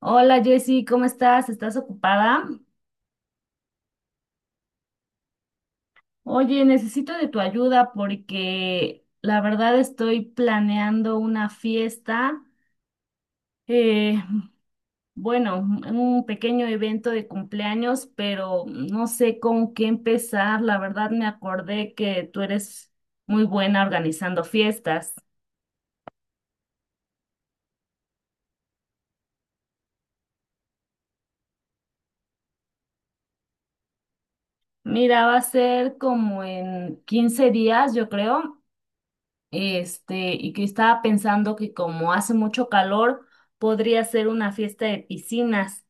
Hola Jessy, ¿cómo estás? ¿Estás ocupada? Oye, necesito de tu ayuda porque la verdad estoy planeando una fiesta, eh, bueno, un pequeño evento de cumpleaños, pero no sé con qué empezar. La verdad me acordé que tú eres muy buena organizando fiestas. Mira, va a ser como en 15 días, yo creo. Este, y que estaba pensando que como hace mucho calor, podría ser una fiesta de piscinas.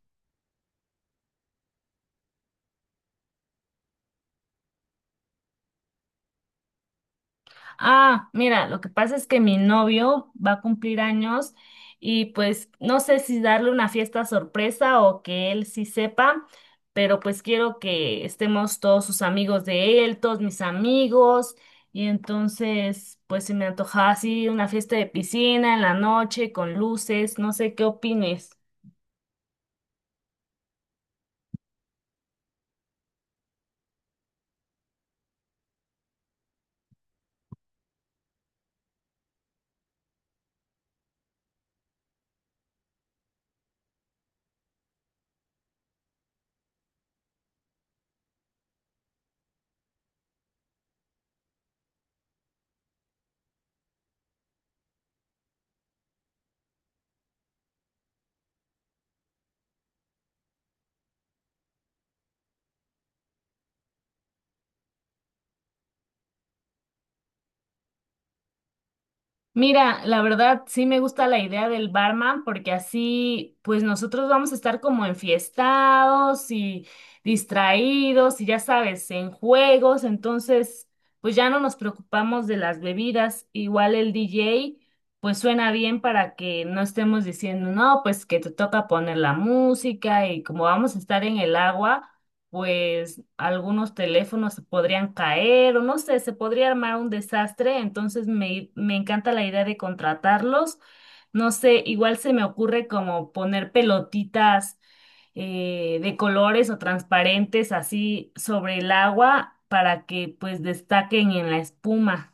Ah, mira, lo que pasa es que mi novio va a cumplir años y pues no sé si darle una fiesta sorpresa o que él sí sepa, pero pues quiero que estemos todos sus amigos de él, todos mis amigos, y entonces pues se me antojaba así una fiesta de piscina en la noche con luces, no sé qué opines. Mira, la verdad sí me gusta la idea del barman porque así pues nosotros vamos a estar como enfiestados y distraídos y ya sabes, en juegos, entonces pues ya no nos preocupamos de las bebidas, igual el DJ pues suena bien para que no estemos diciendo, no, pues que te toca poner la música y como vamos a estar en el agua, pues algunos teléfonos se podrían caer o no sé, se podría armar un desastre, entonces me encanta la idea de contratarlos. No sé, igual se me ocurre como poner pelotitas de colores o transparentes así sobre el agua para que pues destaquen en la espuma.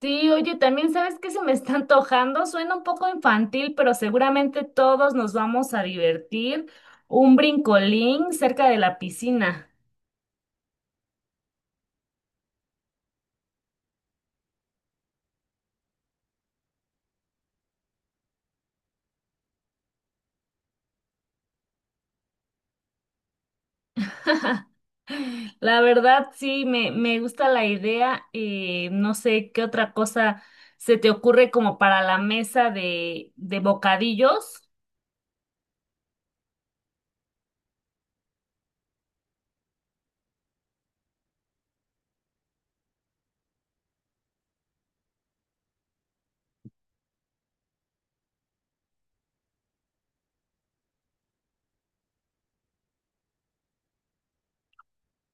Sí, oye, también sabes que se me está antojando, suena un poco infantil, pero seguramente todos nos vamos a divertir. Un brincolín cerca de la piscina. La verdad, sí, me gusta la idea. No sé qué otra cosa se te ocurre como para la mesa de bocadillos.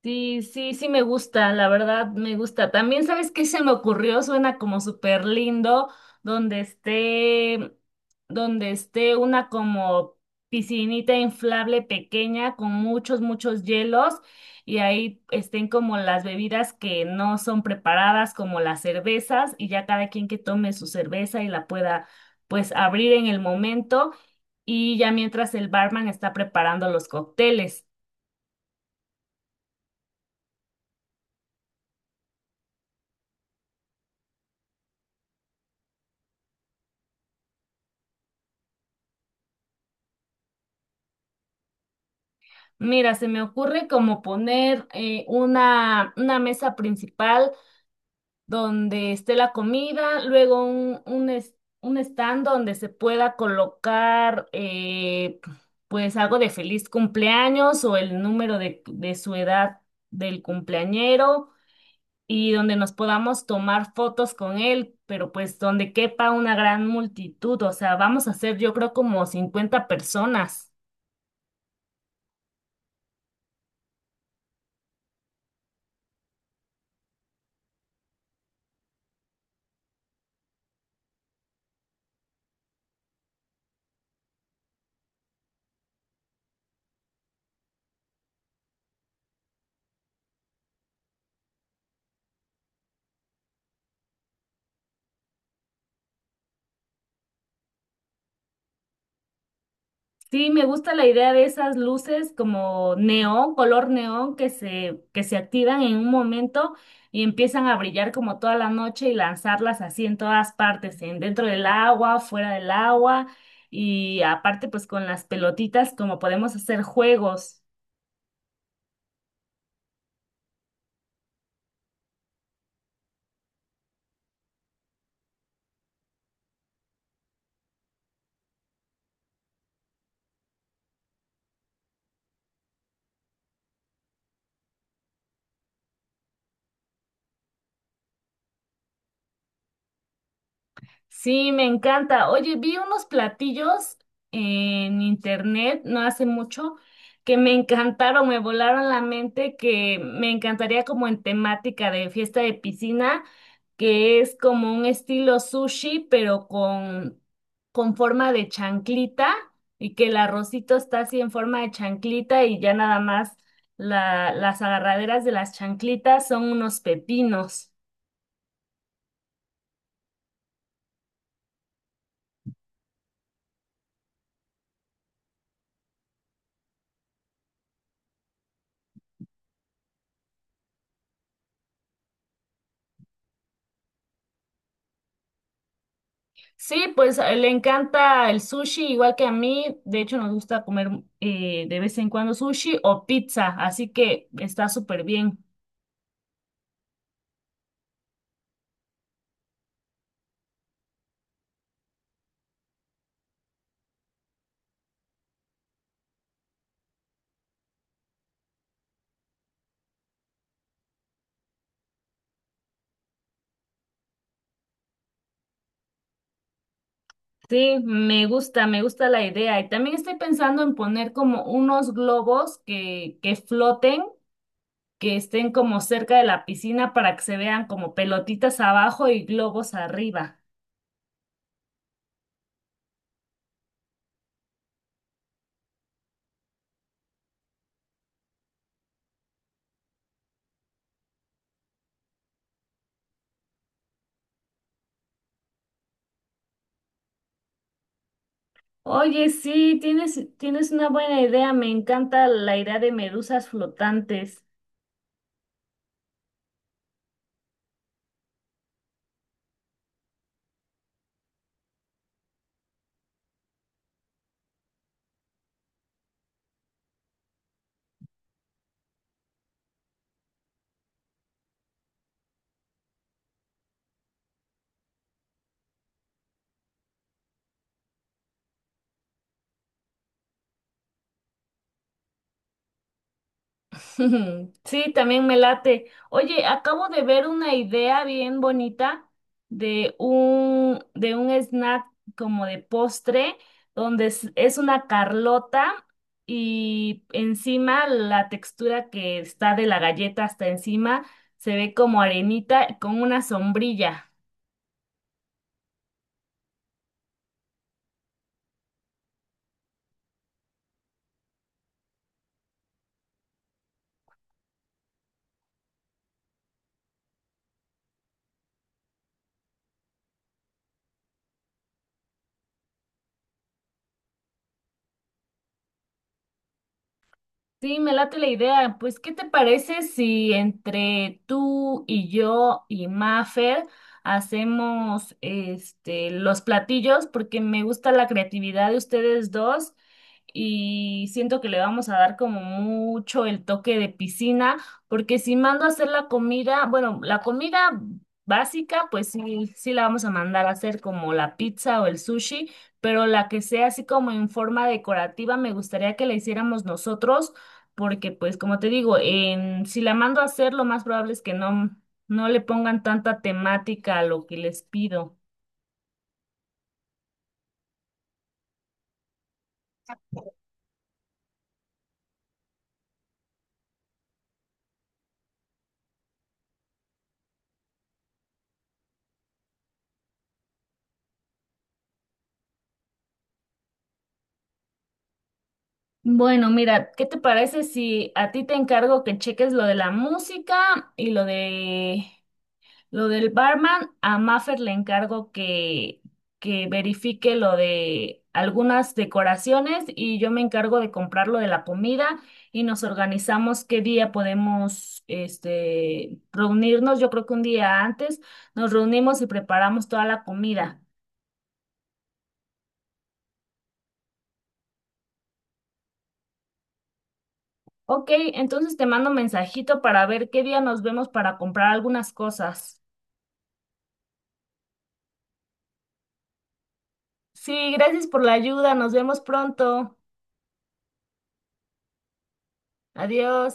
Sí, sí, sí me gusta, la verdad me gusta. También, ¿sabes qué se me ocurrió? Suena como súper lindo, donde esté, donde esté una como piscinita inflable pequeña con muchos, muchos hielos y ahí estén como las bebidas que no son preparadas, como las cervezas, y ya cada quien que tome su cerveza y la pueda pues abrir en el momento y ya mientras el barman está preparando los cócteles. Mira, se me ocurre como poner una mesa principal donde esté la comida, luego un stand donde se pueda colocar pues algo de feliz cumpleaños o el número de su edad del cumpleañero y donde nos podamos tomar fotos con él, pero pues donde quepa una gran multitud, o sea, vamos a ser yo creo como 50 personas. Sí, me gusta la idea de esas luces como neón, color neón, que se activan en un momento y empiezan a brillar como toda la noche y lanzarlas así en todas partes, en dentro del agua, fuera del agua y aparte pues con las pelotitas como podemos hacer juegos. Sí, me encanta. Oye, vi unos platillos en internet no hace mucho que me encantaron, me volaron la mente, que me encantaría como en temática de fiesta de piscina, que es como un estilo sushi, pero con forma de chanclita y que el arrocito está así en forma de chanclita y ya nada más las agarraderas de las chanclitas son unos pepinos. Sí, pues le encanta el sushi, igual que a mí. De hecho, nos gusta comer de vez en cuando sushi o pizza, así que está súper bien. Sí, me gusta la idea. Y también estoy pensando en poner como unos globos que floten, que estén como cerca de la piscina para que se vean como pelotitas abajo y globos arriba. Oye, sí, tienes una buena idea. Me encanta la idea de medusas flotantes. Sí, también me late. Oye, acabo de ver una idea bien bonita de un snack como de postre, donde es una carlota y encima la textura que está de la galleta hasta encima se ve como arenita con una sombrilla. Sí, me late la idea. Pues, ¿qué te parece si entre tú y yo y Mafer hacemos este los platillos? Porque me gusta la creatividad de ustedes dos y siento que le vamos a dar como mucho el toque de piscina, porque si mando a hacer la comida, bueno, la comida básica, pues sí, sí la vamos a mandar a hacer como la pizza o el sushi, pero la que sea así como en forma decorativa, me gustaría que la hiciéramos nosotros porque pues como te digo, si la mando a hacer, lo más probable es que no, no le pongan tanta temática a lo que les pido. Bueno, mira, ¿qué te parece si a ti te encargo que cheques lo de la música y lo de lo del barman, a Maffer le encargo que verifique lo de algunas decoraciones y yo me encargo de comprar lo de la comida y nos organizamos qué día podemos este, reunirnos. Yo creo que un día antes nos reunimos y preparamos toda la comida. Ok, entonces te mando un mensajito para ver qué día nos vemos para comprar algunas cosas. Sí, gracias por la ayuda. Nos vemos pronto. Adiós.